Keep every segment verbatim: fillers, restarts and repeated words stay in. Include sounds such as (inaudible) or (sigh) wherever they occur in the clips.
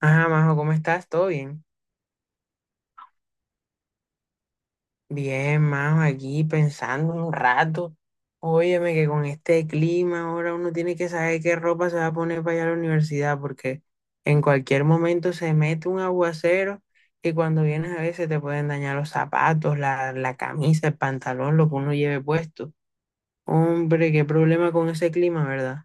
Ah, Majo, ¿cómo estás? ¿Todo bien? Bien, Majo, aquí pensando un rato. Óyeme, que con este clima ahora uno tiene que saber qué ropa se va a poner para ir a la universidad, porque en cualquier momento se mete un aguacero y cuando vienes a veces te pueden dañar los zapatos, la, la camisa, el pantalón, lo que uno lleve puesto. Hombre, qué problema con ese clima, ¿verdad?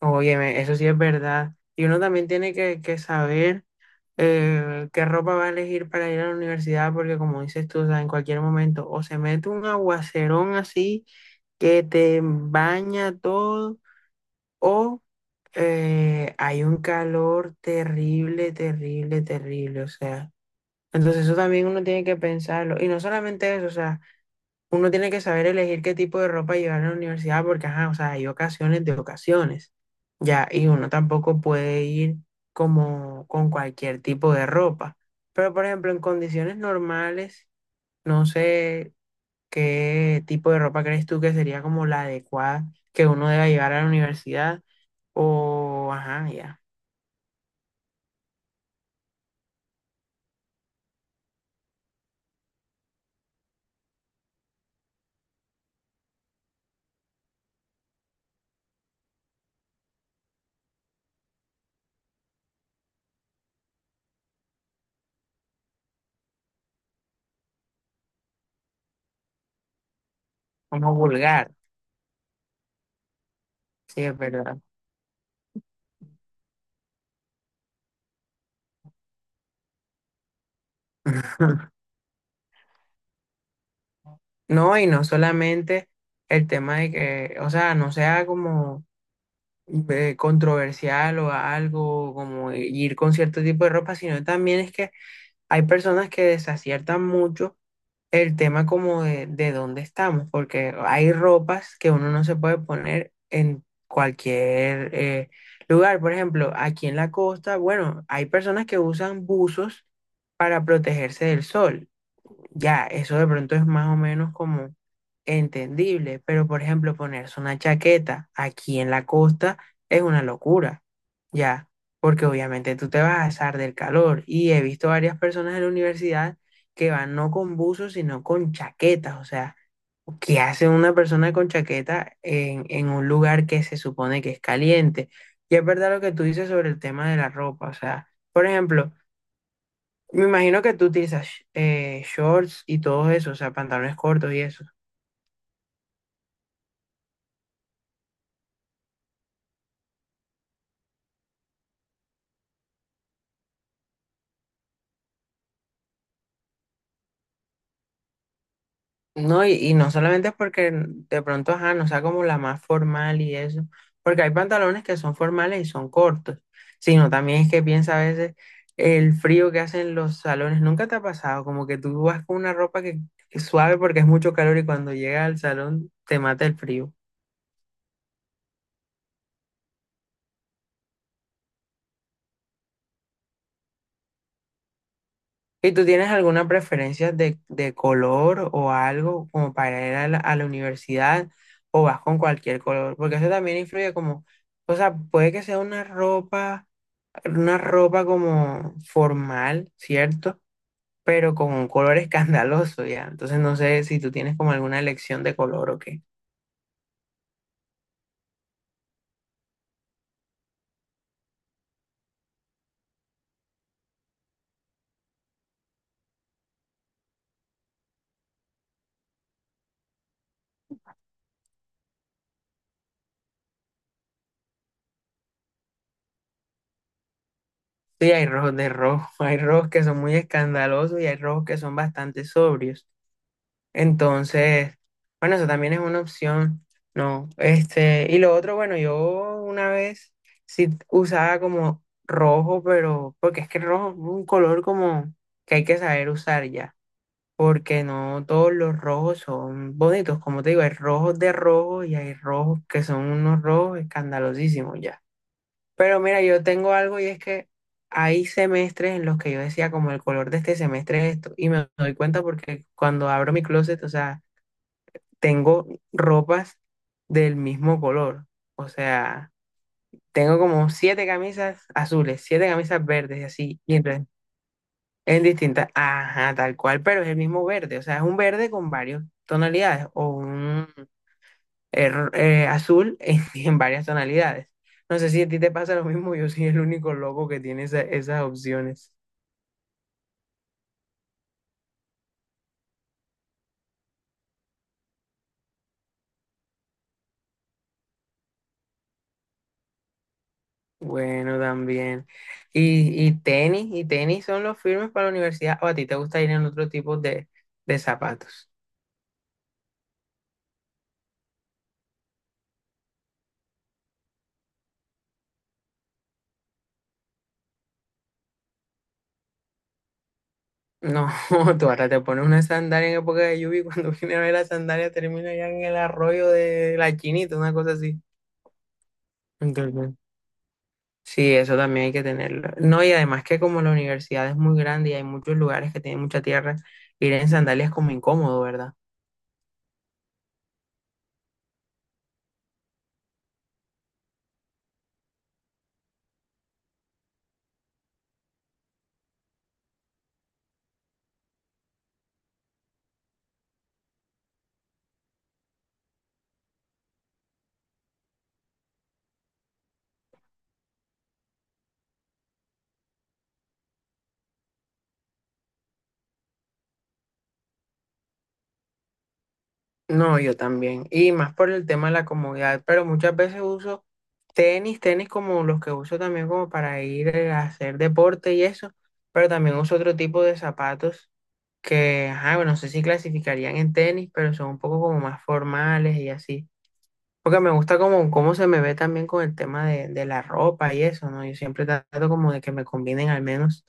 Óyeme, eso sí es verdad. Y uno también tiene que que saber. Eh, ¿qué ropa va a elegir para ir a la universidad? Porque como dices tú, o sea, en cualquier momento o se mete un aguacerón así que te baña todo, o eh, hay un calor terrible, terrible, terrible, o sea. Entonces eso también uno tiene que pensarlo. Y no solamente eso, o sea, uno tiene que saber elegir qué tipo de ropa llevar a la universidad porque, ajá, o sea, hay ocasiones de ocasiones, ya, y uno tampoco puede ir como con cualquier tipo de ropa. Pero, por ejemplo, en condiciones normales, no sé qué tipo de ropa crees tú que sería como la adecuada que uno deba llevar a la universidad o, ajá, ya, como vulgar, sí, es verdad. (laughs) No, y no solamente el tema de que, o sea, no sea como eh, controversial o algo, como ir con cierto tipo de ropa, sino también es que hay personas que desaciertan mucho el tema como de, de dónde estamos, porque hay ropas que uno no se puede poner en cualquier eh, lugar. Por ejemplo, aquí en la costa, bueno, hay personas que usan buzos para protegerse del sol. Ya, eso de pronto es más o menos como entendible, pero por ejemplo, ponerse una chaqueta aquí en la costa es una locura, ya, porque obviamente tú te vas a asar del calor y he visto varias personas en la universidad que van no con buzos, sino con chaquetas, o sea, ¿qué hace una persona con chaqueta en, en un lugar que se supone que es caliente? Y es verdad lo que tú dices sobre el tema de la ropa, o sea, por ejemplo, me imagino que tú utilizas eh, shorts y todo eso, o sea, pantalones cortos y eso. No, y, y no solamente es porque de pronto, ajá, no sea como la más formal y eso, porque hay pantalones que son formales y son cortos, sino también es que piensa a veces el frío que hacen los salones. ¿Nunca te ha pasado? Como que tú vas con una ropa que, que es suave porque es mucho calor y cuando llega al salón te mata el frío. ¿Y tú tienes alguna preferencia de, de color o algo como para ir a la, a la universidad o vas con cualquier color? Porque eso también influye como, o sea, puede que sea una ropa, una ropa como formal, ¿cierto? Pero con un color (laughs) escandaloso ya. Entonces no sé si tú tienes como alguna elección de color o qué. Sí, hay rojos de rojo, (laughs) hay rojos que son muy escandalosos y hay rojos que son bastante sobrios. Entonces, bueno, eso también es una opción, ¿no? Este, y lo otro, bueno, yo una vez sí usaba como rojo, pero porque es que el rojo es un color como que hay que saber usar ya, porque no todos los rojos son bonitos, como te digo, hay rojos de rojo y hay rojos que son unos rojos escandalosísimos ya. Pero mira, yo tengo algo y es que hay semestres en los que yo decía como el color de este semestre es esto, y me doy cuenta porque cuando abro mi closet, o sea, tengo ropas del mismo color. O sea, tengo como siete camisas azules, siete camisas verdes y así. Y entonces, en distintas, ajá, tal cual, pero es el mismo verde. O sea, es un verde con varias tonalidades o un eh, ro- eh, azul en, (laughs) en varias tonalidades. No sé si a ti te pasa lo mismo, yo soy el único loco que tiene esa- esas opciones. Bueno, también. Y, y tenis, y tenis son los firmes para la universidad, o a ti te gusta ir en otro tipo de, de zapatos. No, (laughs) tú ahora te pones una sandalia en época de lluvia y cuando (laughs) viene a ver la sandalia termina ya en el arroyo de la Chinita, una cosa así. Entonces, sí, eso también hay que tenerlo. No, y además que como la universidad es muy grande y hay muchos lugares que tienen mucha tierra, ir en sandalias es como incómodo, ¿verdad? No, yo también. Y más por el tema de la comodidad, pero muchas veces uso tenis, tenis como los que uso también como para ir eh, a hacer deporte y eso, pero también uso otro tipo de zapatos que, ajá, bueno, no sé si clasificarían en tenis, pero son un poco como más formales y así. Porque me gusta como cómo se me ve también con el tema de, de la ropa y eso, ¿no? Yo siempre trato como de que me combinen al menos.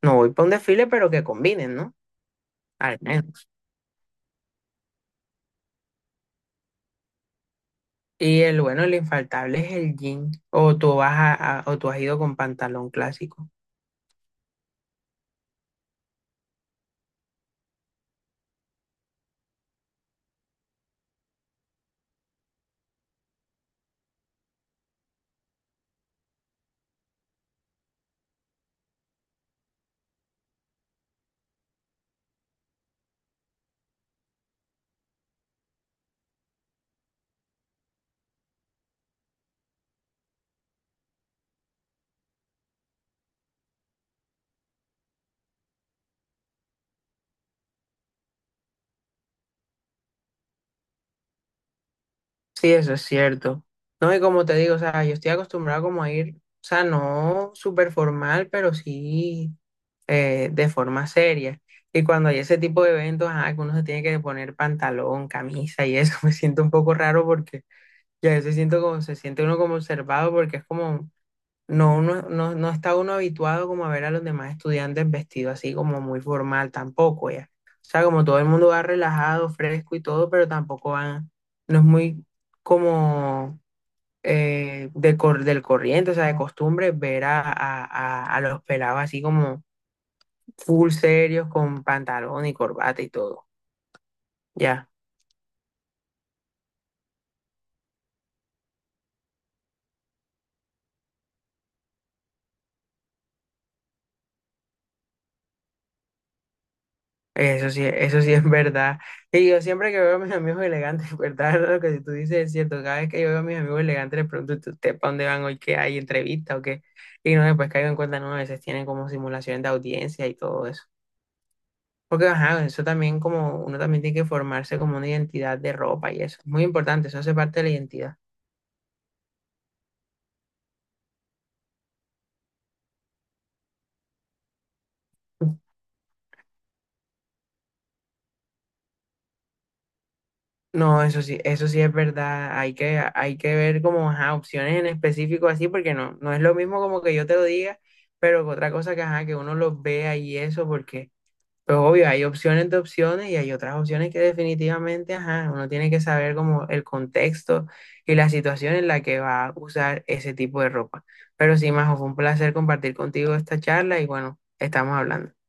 No voy para un desfile, pero que combinen, ¿no? Al menos. Y el bueno, el infaltable es el jean. O tú vas a, a- o tú has ido con pantalón clásico. Sí, eso es cierto. No, y como te digo, o sea, yo estoy acostumbrado como a ir, o sea, no súper formal, pero sí. Eh, de forma seria. Y cuando hay ese tipo de eventos, ajá, que uno se tiene que poner pantalón, camisa y eso, (laughs) me siento un poco raro porque ya a veces siento como, se siente uno como observado porque es como, no, uno, no, no está uno habituado como a ver a los demás estudiantes vestidos así como muy formal tampoco, ya. O sea, como todo el mundo va relajado, fresco y todo, pero tampoco van, no es muy como eh, de cor- del corriente, o sea, de costumbre ver a, a, a, a los pelados así como full serios con pantalón y corbata y todo. Ya, eso sí, eso sí es verdad. Y yo siempre que veo a mis amigos elegantes, (laughs) ¿verdad? Lo que tú dices es cierto. Cada vez que yo veo a mis amigos elegantes, les pregunto, "¿Tú- ¿ustedes para dónde van hoy? ¿Qué hay? ¿Entrevista o qué? Y no, después caigo en cuenta, no, a veces tienen como simulaciones de audiencia y todo eso. Porque, ajá, eso también como, uno también tiene que formarse como una identidad de ropa y eso. Muy importante, eso hace parte de la identidad. No, eso sí, eso sí es verdad. Hay que, hay que ver como ajá, opciones en específico así, porque no, no es lo mismo como que yo te lo diga, pero que otra cosa que ajá, que uno los vea y eso, porque, pues obvio, hay opciones de opciones y hay otras opciones que definitivamente, ajá, uno tiene que saber como el contexto y la situación en la que va a usar ese tipo de ropa. Pero sí, Majo, fue un placer compartir contigo esta charla y bueno, estamos hablando.